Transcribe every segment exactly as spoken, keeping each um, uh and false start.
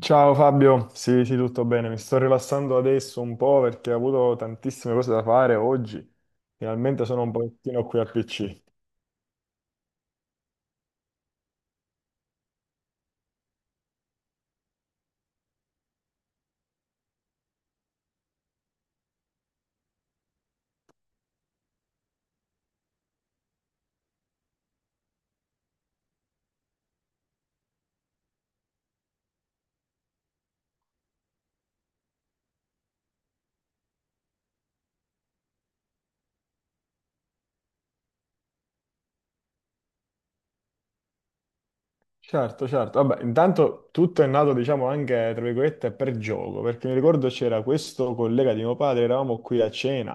Ciao Fabio, sì, sì, tutto bene. Mi sto rilassando adesso un po' perché ho avuto tantissime cose da fare oggi. Finalmente sono un pochettino qui al P C. Certo, certo. Vabbè, intanto tutto è nato, diciamo, anche, tra virgolette, per gioco, perché mi ricordo c'era questo collega di mio padre, eravamo qui a cena,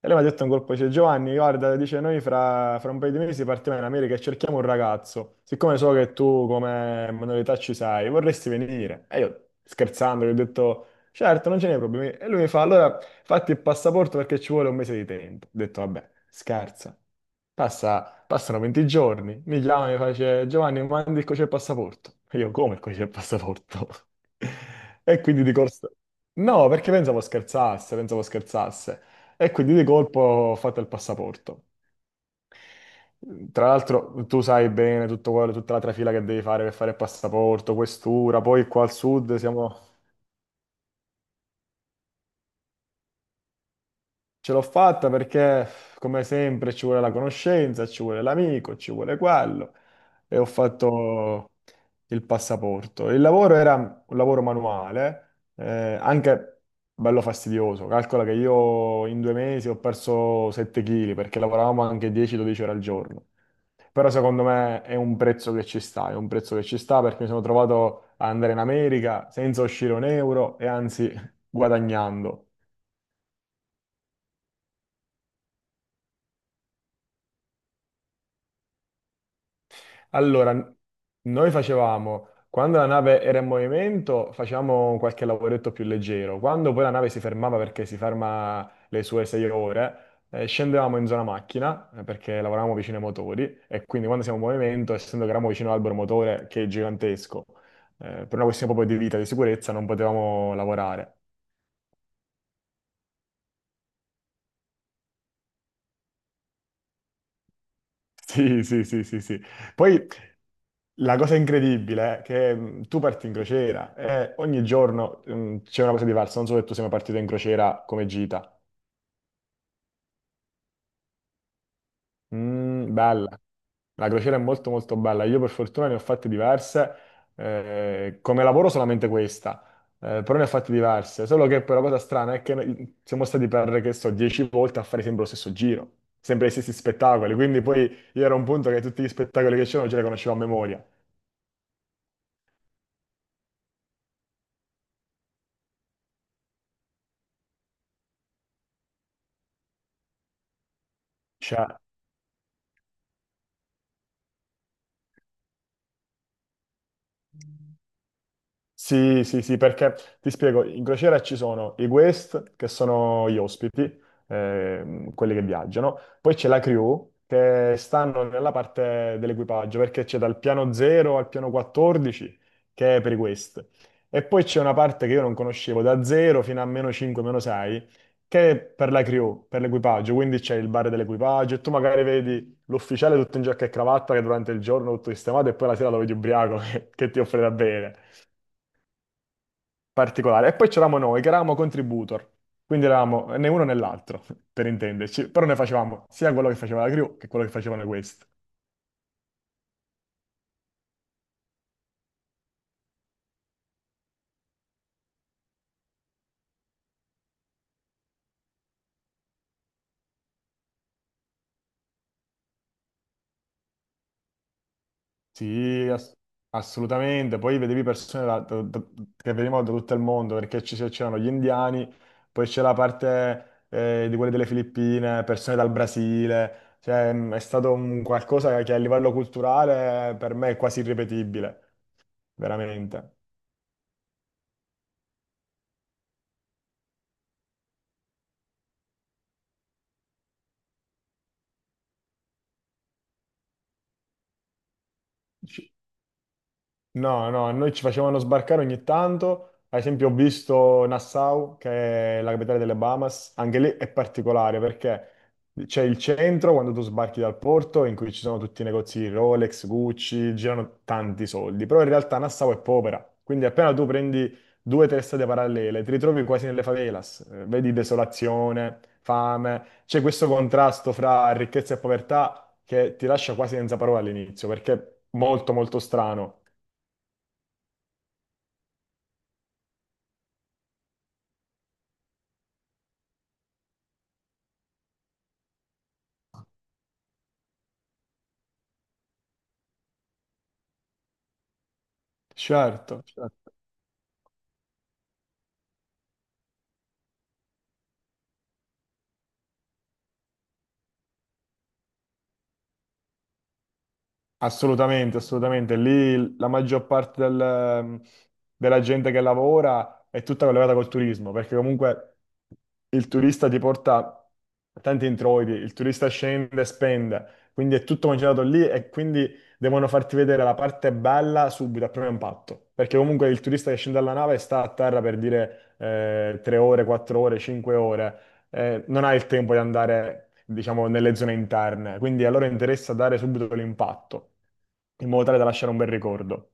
e lui mi ha detto un colpo, dice, Giovanni, guarda, dice, noi fra, fra un paio di mesi partiamo in America e cerchiamo un ragazzo, siccome so che tu come manualità ci sai, vorresti venire? E io, scherzando, gli ho detto, certo, non ce n'è problemi. E lui mi fa, allora, fatti il passaporto perché ci vuole un mese di tempo. Ho detto, vabbè, scherza. Passa Passano venti giorni, mi chiama e mi face Giovanni, mi mandi il codice del passaporto. E io, come il codice del passaporto? E quindi di corsa. No, perché pensavo scherzasse, pensavo scherzasse. E quindi di colpo ho fatto il passaporto. Tra l'altro tu sai bene tutto quello, tutta la trafila che devi fare per fare il passaporto, questura, poi qua al sud siamo. Ce l'ho fatta perché, come sempre, ci vuole la conoscenza, ci vuole l'amico, ci vuole quello. E ho fatto il passaporto. Il lavoro era un lavoro manuale, eh, anche bello fastidioso. Calcola che io in due mesi ho perso sette chili perché lavoravamo anche dieci dodici ore al giorno. Però secondo me è un prezzo che ci sta, è un prezzo che ci sta perché mi sono trovato a andare in America senza uscire un euro e anzi guadagnando. Allora, noi facevamo, quando la nave era in movimento, facevamo qualche lavoretto più leggero. Quando poi la nave si fermava perché si ferma le sue sei ore, eh, scendevamo in zona macchina eh, perché lavoravamo vicino ai motori e quindi quando siamo in movimento, essendo che eravamo vicino all'albero motore che è gigantesco, eh, per una questione proprio di vita e di sicurezza non potevamo lavorare. Sì, sì, sì, sì, sì. Poi la cosa incredibile è che mh, tu parti in crociera e ogni giorno mh, c'è una cosa diversa. Non so se tu sei mai partito in crociera come gita. Mm, bella. La crociera è molto molto bella. Io per fortuna ne ho fatte diverse. Eh, come lavoro solamente questa, eh, però ne ho fatte diverse. Solo che poi la cosa strana è che noi siamo stati per, che so, dieci volte a fare sempre lo stesso giro, sempre gli stessi spettacoli. Quindi poi io ero a un punto che tutti gli spettacoli che c'erano ce li conoscevo a memoria. Cioè. Sì, sì, sì, perché ti spiego, in crociera ci sono i guest, che sono gli ospiti, ehm, quelli che viaggiano, poi c'è la crew, che stanno nella parte dell'equipaggio, perché c'è dal piano zero al piano quattordici, che è per i guest, e poi c'è una parte che io non conoscevo, da zero fino a meno cinque, meno sei, che è per la crew, per l'equipaggio, quindi c'è il bar dell'equipaggio, e tu magari vedi l'ufficiale tutto in giacca e cravatta, che durante il giorno è tutto sistemato, e poi la sera lo vedi ubriaco, che ti offre da bere particolare. E poi c'eravamo noi, che eravamo contributor, quindi eravamo né uno né l'altro, per intenderci, però ne facevamo sia quello che faceva la crew che quello che facevano questi. Sì, ass- assolutamente. Poi vedevi persone da- da- da- che venivano da tutto il mondo, perché ci- c'erano gli indiani, poi c'era la parte eh, di quelli delle Filippine, persone dal Brasile. Cioè, mh, è stato un qualcosa che a livello culturale per me è quasi irripetibile, veramente. No, no, a noi ci facevano sbarcare ogni tanto. Ad esempio, ho visto Nassau, che è la capitale delle Bahamas. Anche lì è particolare perché c'è il centro quando tu sbarchi dal porto in cui ci sono tutti i negozi Rolex, Gucci, girano tanti soldi. Però in realtà Nassau è povera. Quindi appena tu prendi due o tre strade parallele, ti ritrovi quasi nelle favelas. Eh, Vedi desolazione, fame. C'è questo contrasto fra ricchezza e povertà che ti lascia quasi senza parole all'inizio perché è molto, molto strano. Certo, certo. Assolutamente, assolutamente. Lì la maggior parte del, ehm, della gente che lavora è tutta collegata col turismo, perché comunque il turista ti porta tanti introiti, il turista scende e spende, quindi è tutto concentrato lì e quindi devono farti vedere la parte bella subito, a primo impatto, perché comunque il turista che scende dalla nave sta a terra per dire eh, tre ore, quattro ore, cinque ore. Eh, non ha il tempo di andare, diciamo, nelle zone interne, quindi a loro interessa dare subito l'impatto, in modo tale da lasciare un bel ricordo.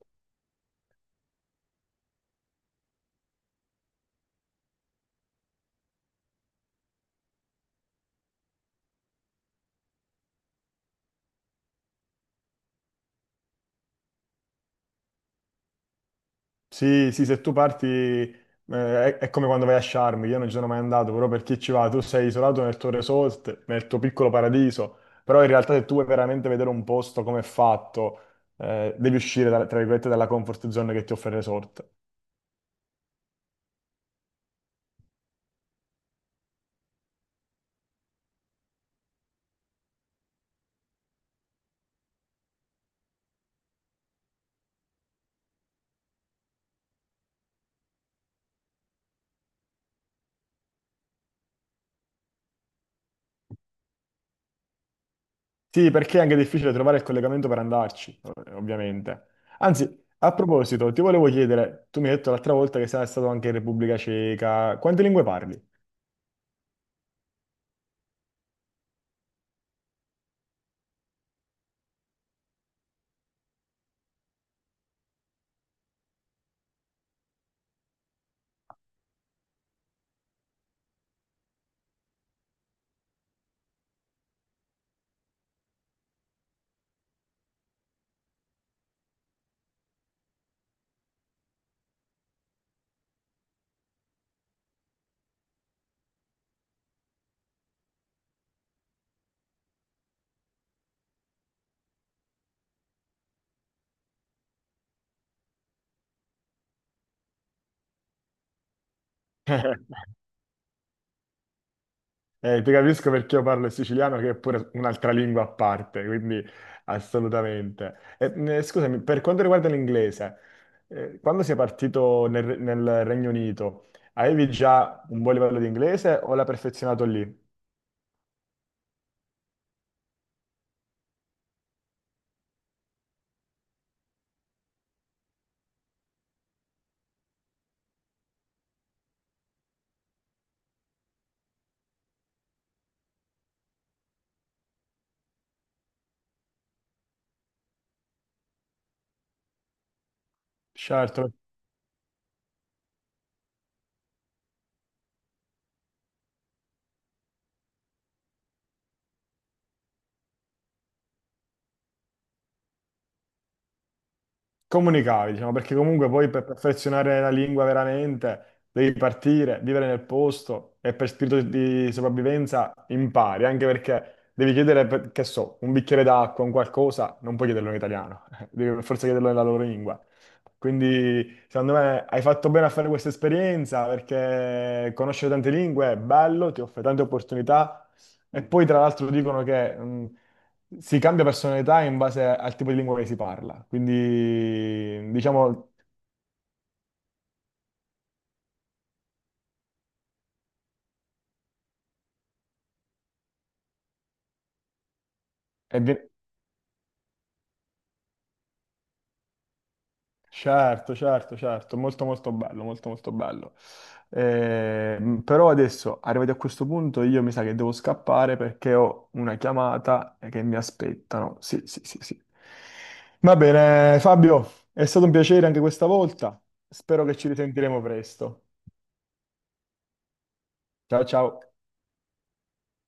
Sì, sì, se tu parti, eh, è, è come quando vai a Sharm, io non ci sono mai andato, però per chi ci va, tu sei isolato nel tuo resort, nel tuo piccolo paradiso, però in realtà se tu vuoi veramente vedere un posto come è fatto, eh, devi uscire, da- tra virgolette, dalla comfort zone che ti offre il resort. Sì, perché è anche difficile trovare il collegamento per andarci, eh, ovviamente. Anzi, a proposito, ti volevo chiedere, tu mi hai detto l'altra volta che sei stato anche in Repubblica Ceca, quante lingue parli? Eh, ti capisco perché io parlo il siciliano, che è pure un'altra lingua a parte, quindi assolutamente. E, mh, scusami, per quanto riguarda l'inglese, eh, quando sei partito nel, Re- nel Regno Unito, avevi già un buon livello di inglese o l'hai perfezionato lì? Certo, comunicavi, diciamo, perché comunque poi per perfezionare la lingua veramente devi partire, vivere nel posto e per spirito di sopravvivenza impari, anche perché devi chiedere, per- che so, un bicchiere d'acqua, un qualcosa, non puoi chiederlo in italiano, devi per forza chiederlo nella loro lingua. Quindi, secondo me, hai fatto bene a fare questa esperienza perché conoscere tante lingue è bello, ti offre tante opportunità e poi, tra l'altro, dicono che mh, si cambia personalità in base al tipo di lingua che si parla. Quindi, diciamo, è ve- certo, certo, certo, molto molto bello, molto molto bello. Ehm, però adesso, arrivati a questo punto, io mi sa che devo scappare perché ho una chiamata che mi aspettano. Sì, sì, sì, sì. Va bene, Fabio, è stato un piacere anche questa volta. Spero che ci risentiremo presto. Ciao, ciao.